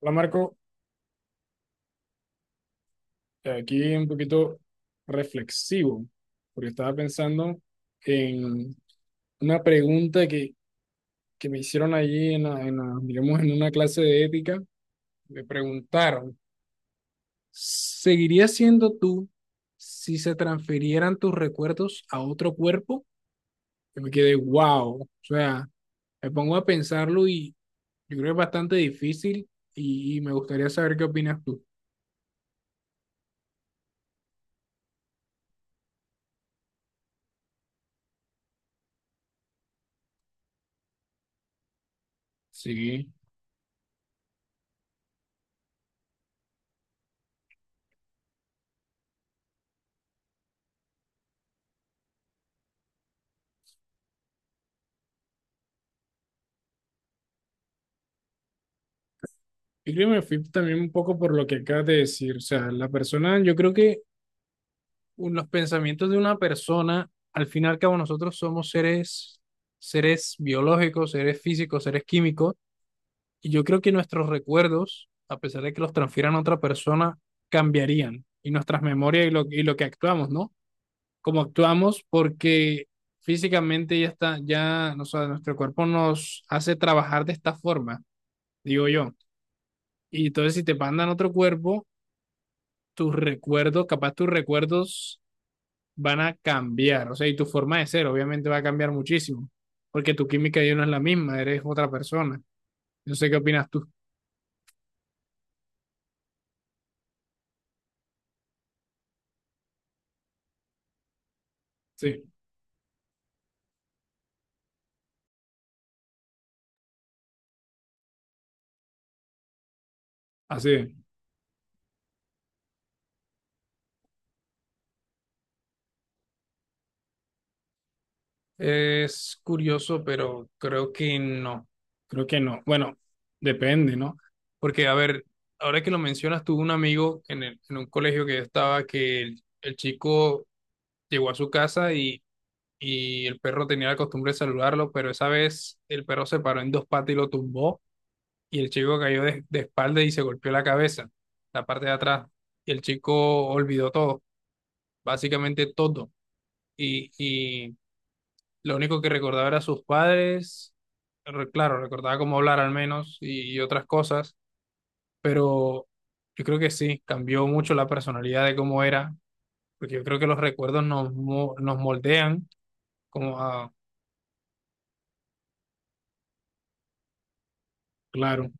Hola Marco, aquí un poquito reflexivo, porque estaba pensando en una pregunta que me hicieron allí digamos, en una clase de ética. Me preguntaron, ¿seguirías siendo tú si se transfirieran tus recuerdos a otro cuerpo? Y me quedé, wow, o sea, me pongo a pensarlo y yo creo que es bastante difícil y me gustaría saber qué opinas tú. Sí. Yo creo que me fui también un poco por lo que acabas de decir. O sea, la persona, yo creo que los pensamientos de una persona, al fin y al cabo, nosotros somos seres, seres biológicos, seres físicos, seres químicos, y yo creo que nuestros recuerdos, a pesar de que los transfieran a otra persona, cambiarían, y nuestras memorias y lo que actuamos, ¿no? Como actuamos, porque físicamente ya está, ya, o sea, nuestro cuerpo nos hace trabajar de esta forma, digo yo. Y entonces, si te mandan a otro cuerpo, capaz tus recuerdos van a cambiar, o sea, y tu forma de ser obviamente va a cambiar muchísimo, porque tu química ya no es la misma, eres otra persona. No sé qué opinas tú. Sí, así es. Es curioso, pero creo que no. Creo que no. Bueno, depende, ¿no? Porque, a ver, ahora que lo mencionas, tuve un amigo en un colegio que yo estaba que el chico llegó a su casa y el perro tenía la costumbre de saludarlo, pero esa vez el perro se paró en dos patas y lo tumbó y el chico cayó de espalda y se golpeó la cabeza, la parte de atrás, y el chico olvidó todo, básicamente todo, y lo único que recordaba era sus padres, claro, recordaba cómo hablar al menos y otras cosas, pero yo creo que sí, cambió mucho la personalidad de cómo era, porque yo creo que los recuerdos nos moldean como a, claro.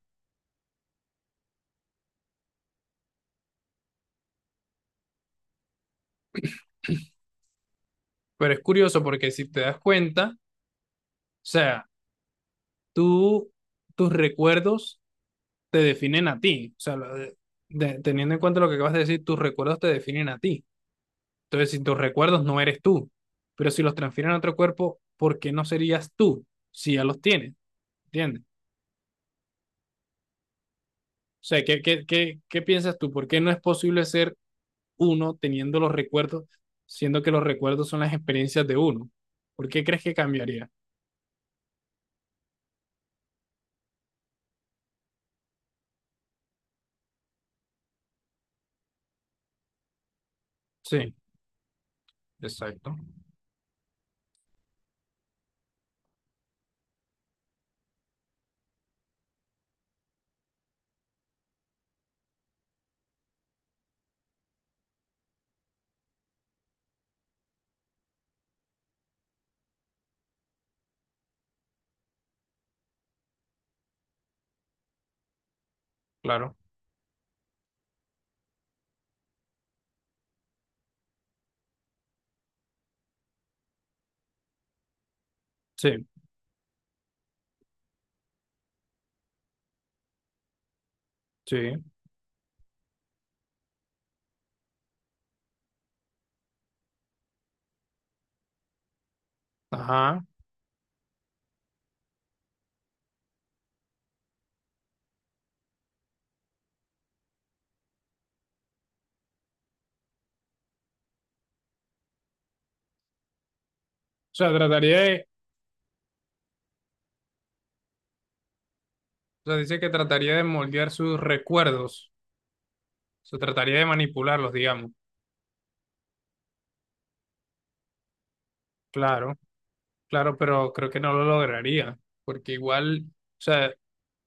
Pero es curioso porque si te das cuenta, o sea, tú, tus recuerdos te definen a ti. O sea, teniendo en cuenta lo que acabas de decir, tus recuerdos te definen a ti. Entonces, si tus recuerdos no eres tú, pero si los transfieren a otro cuerpo, ¿por qué no serías tú si ya los tienes? ¿Entiendes? O sea, ¿qué piensas tú? ¿Por qué no es posible ser uno teniendo los recuerdos, siendo que los recuerdos son las experiencias de uno? ¿Por qué crees que cambiaría? Sí, exacto, claro. Sí, sí. Ajá. O sea, o sea, dice que trataría de moldear sus recuerdos. O sea, trataría de manipularlos, digamos. Claro, claro, pero creo que no lo lograría. Porque igual, o sea,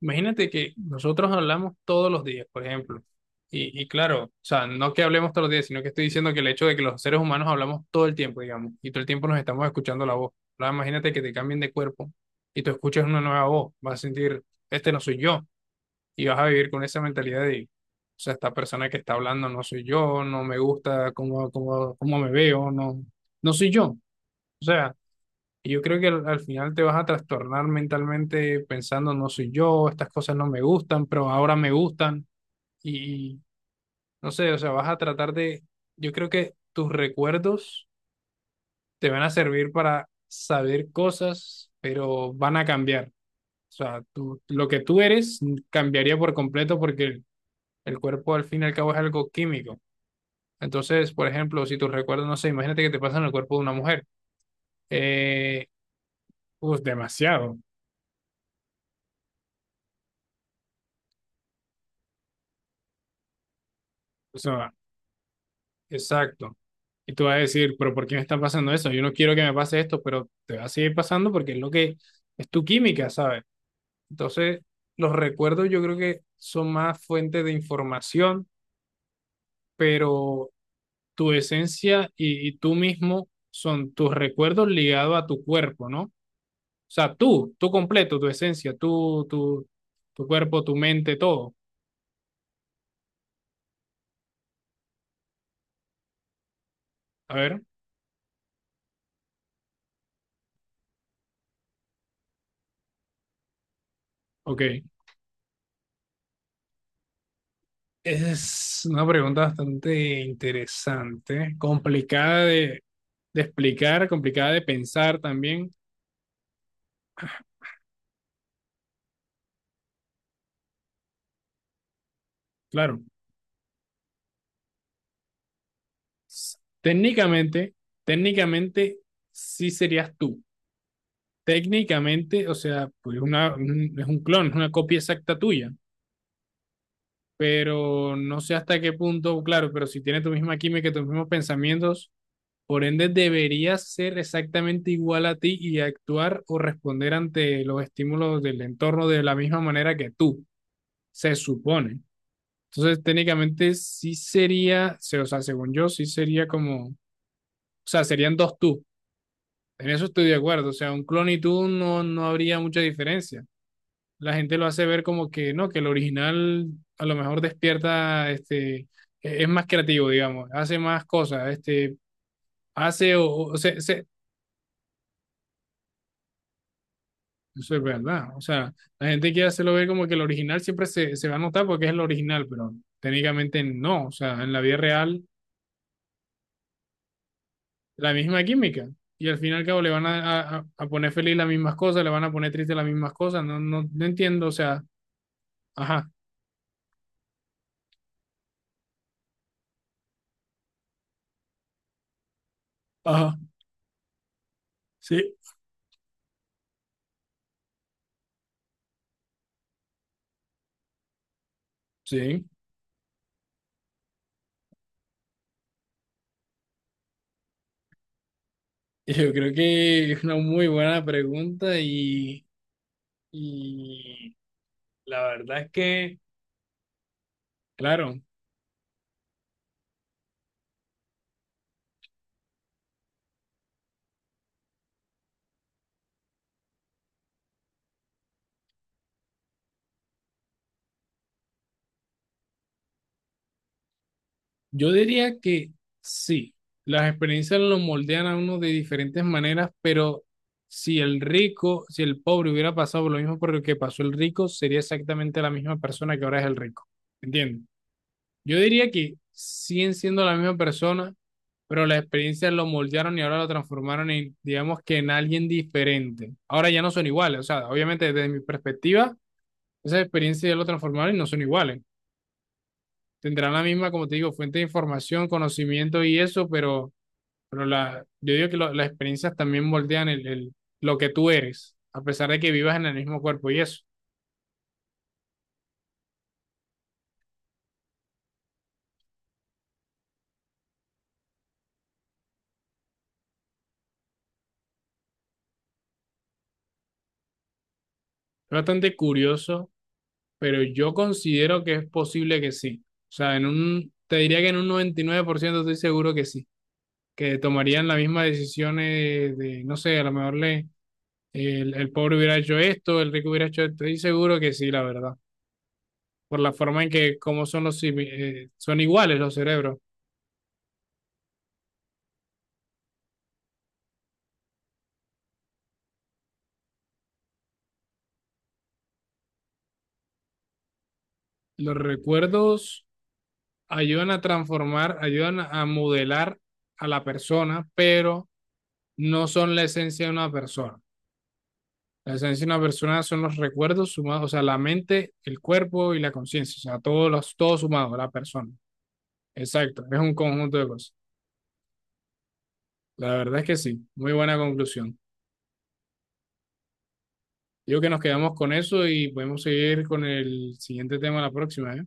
imagínate que nosotros hablamos todos los días, por ejemplo. Y claro, o sea, no que hablemos todos los días, sino que estoy diciendo que el hecho de que los seres humanos hablamos todo el tiempo, digamos, y todo el tiempo nos estamos escuchando la voz. Ahora imagínate que te cambien de cuerpo y tú escuchas una nueva voz. Vas a sentir, este no soy yo. Y vas a vivir con esa mentalidad de, o sea, esta persona que está hablando no soy yo, no me gusta cómo me veo, no, no soy yo. O sea, y yo creo que al final te vas a trastornar mentalmente pensando no soy yo, estas cosas no me gustan, pero ahora me gustan y no sé, o sea, vas a tratar de, yo creo que tus recuerdos te van a servir para saber cosas, pero van a cambiar. O sea, lo que tú eres cambiaría por completo porque el cuerpo al fin y al cabo es algo químico. Entonces, por ejemplo, si tus recuerdos, no sé, imagínate que te pasa en el cuerpo de una mujer. Eh, pues demasiado. O sea, exacto. Y tú vas a decir, pero ¿por qué me está pasando eso? Yo no quiero que me pase esto, pero te va a seguir pasando porque es lo que es tu química, ¿sabes? Entonces, los recuerdos yo creo que son más fuentes de información, pero tu esencia y tú mismo son tus recuerdos ligados a tu cuerpo, ¿no? O sea, tú completo, tu esencia, tu cuerpo, tu mente, todo. A ver, ok. Es una pregunta bastante interesante, de explicar, complicada de pensar también. Claro, técnicamente, técnicamente sí serías tú. Técnicamente, o sea, pues es un clon, es una copia exacta tuya, pero no sé hasta qué punto, claro, pero si tiene tu misma química, tus mismos pensamientos. Por ende, deberías ser exactamente igual a ti y actuar o responder ante los estímulos del entorno de la misma manera que tú, se supone. Entonces, técnicamente sí sería, o sea, según yo, sí sería como, o sea, serían dos tú. En eso estoy de acuerdo. O sea, un clon y tú no, no habría mucha diferencia. La gente lo hace ver como que no, que el original a lo mejor despierta, este, es más creativo, digamos, hace más cosas, este, hace o se- eso es verdad. O sea, la gente que hace lo ve como que el original se va a notar porque es el original, pero técnicamente no. O sea, en la vida real, la misma química. Y al fin y al cabo le van a poner feliz las mismas cosas, le van a poner triste las mismas cosas. No entiendo. O sea, ajá. Ajá. Sí. Sí. Y yo creo que es una muy buena pregunta y la verdad es que, claro. Yo diría que sí, las experiencias lo moldean a uno de diferentes maneras, pero si el rico, si el pobre hubiera pasado por lo mismo por lo que pasó el rico, sería exactamente la misma persona que ahora es el rico. ¿Entiendes? Yo diría que siguen siendo la misma persona, pero las experiencias lo moldearon y ahora lo transformaron en, digamos que en alguien diferente. Ahora ya no son iguales, o sea, obviamente desde mi perspectiva, esas experiencias ya lo transformaron y no son iguales. Tendrán la misma, como te digo, fuente de información, conocimiento y eso, pero la, yo digo que las experiencias también moldean lo que tú eres, a pesar de que vivas en el mismo cuerpo y eso. Es bastante curioso, pero yo considero que es posible que sí. O sea, en un, te diría que en un 99% estoy seguro que sí, que tomarían las mismas decisiones de, no sé, a lo mejor le, el pobre hubiera hecho esto, el rico hubiera hecho esto, estoy seguro que sí, la verdad por la forma en que cómo son los son iguales los cerebros. Los recuerdos ayudan a transformar, ayudan a modelar a la persona, pero no son la esencia de una persona. La esencia de una persona son los recuerdos sumados, o sea, la mente, el cuerpo y la conciencia, o sea, todos los, todos sumados, la persona. Exacto, es un conjunto de cosas. La verdad es que sí, muy buena conclusión. Digo que nos quedamos con eso y podemos seguir con el siguiente tema la próxima, ¿eh?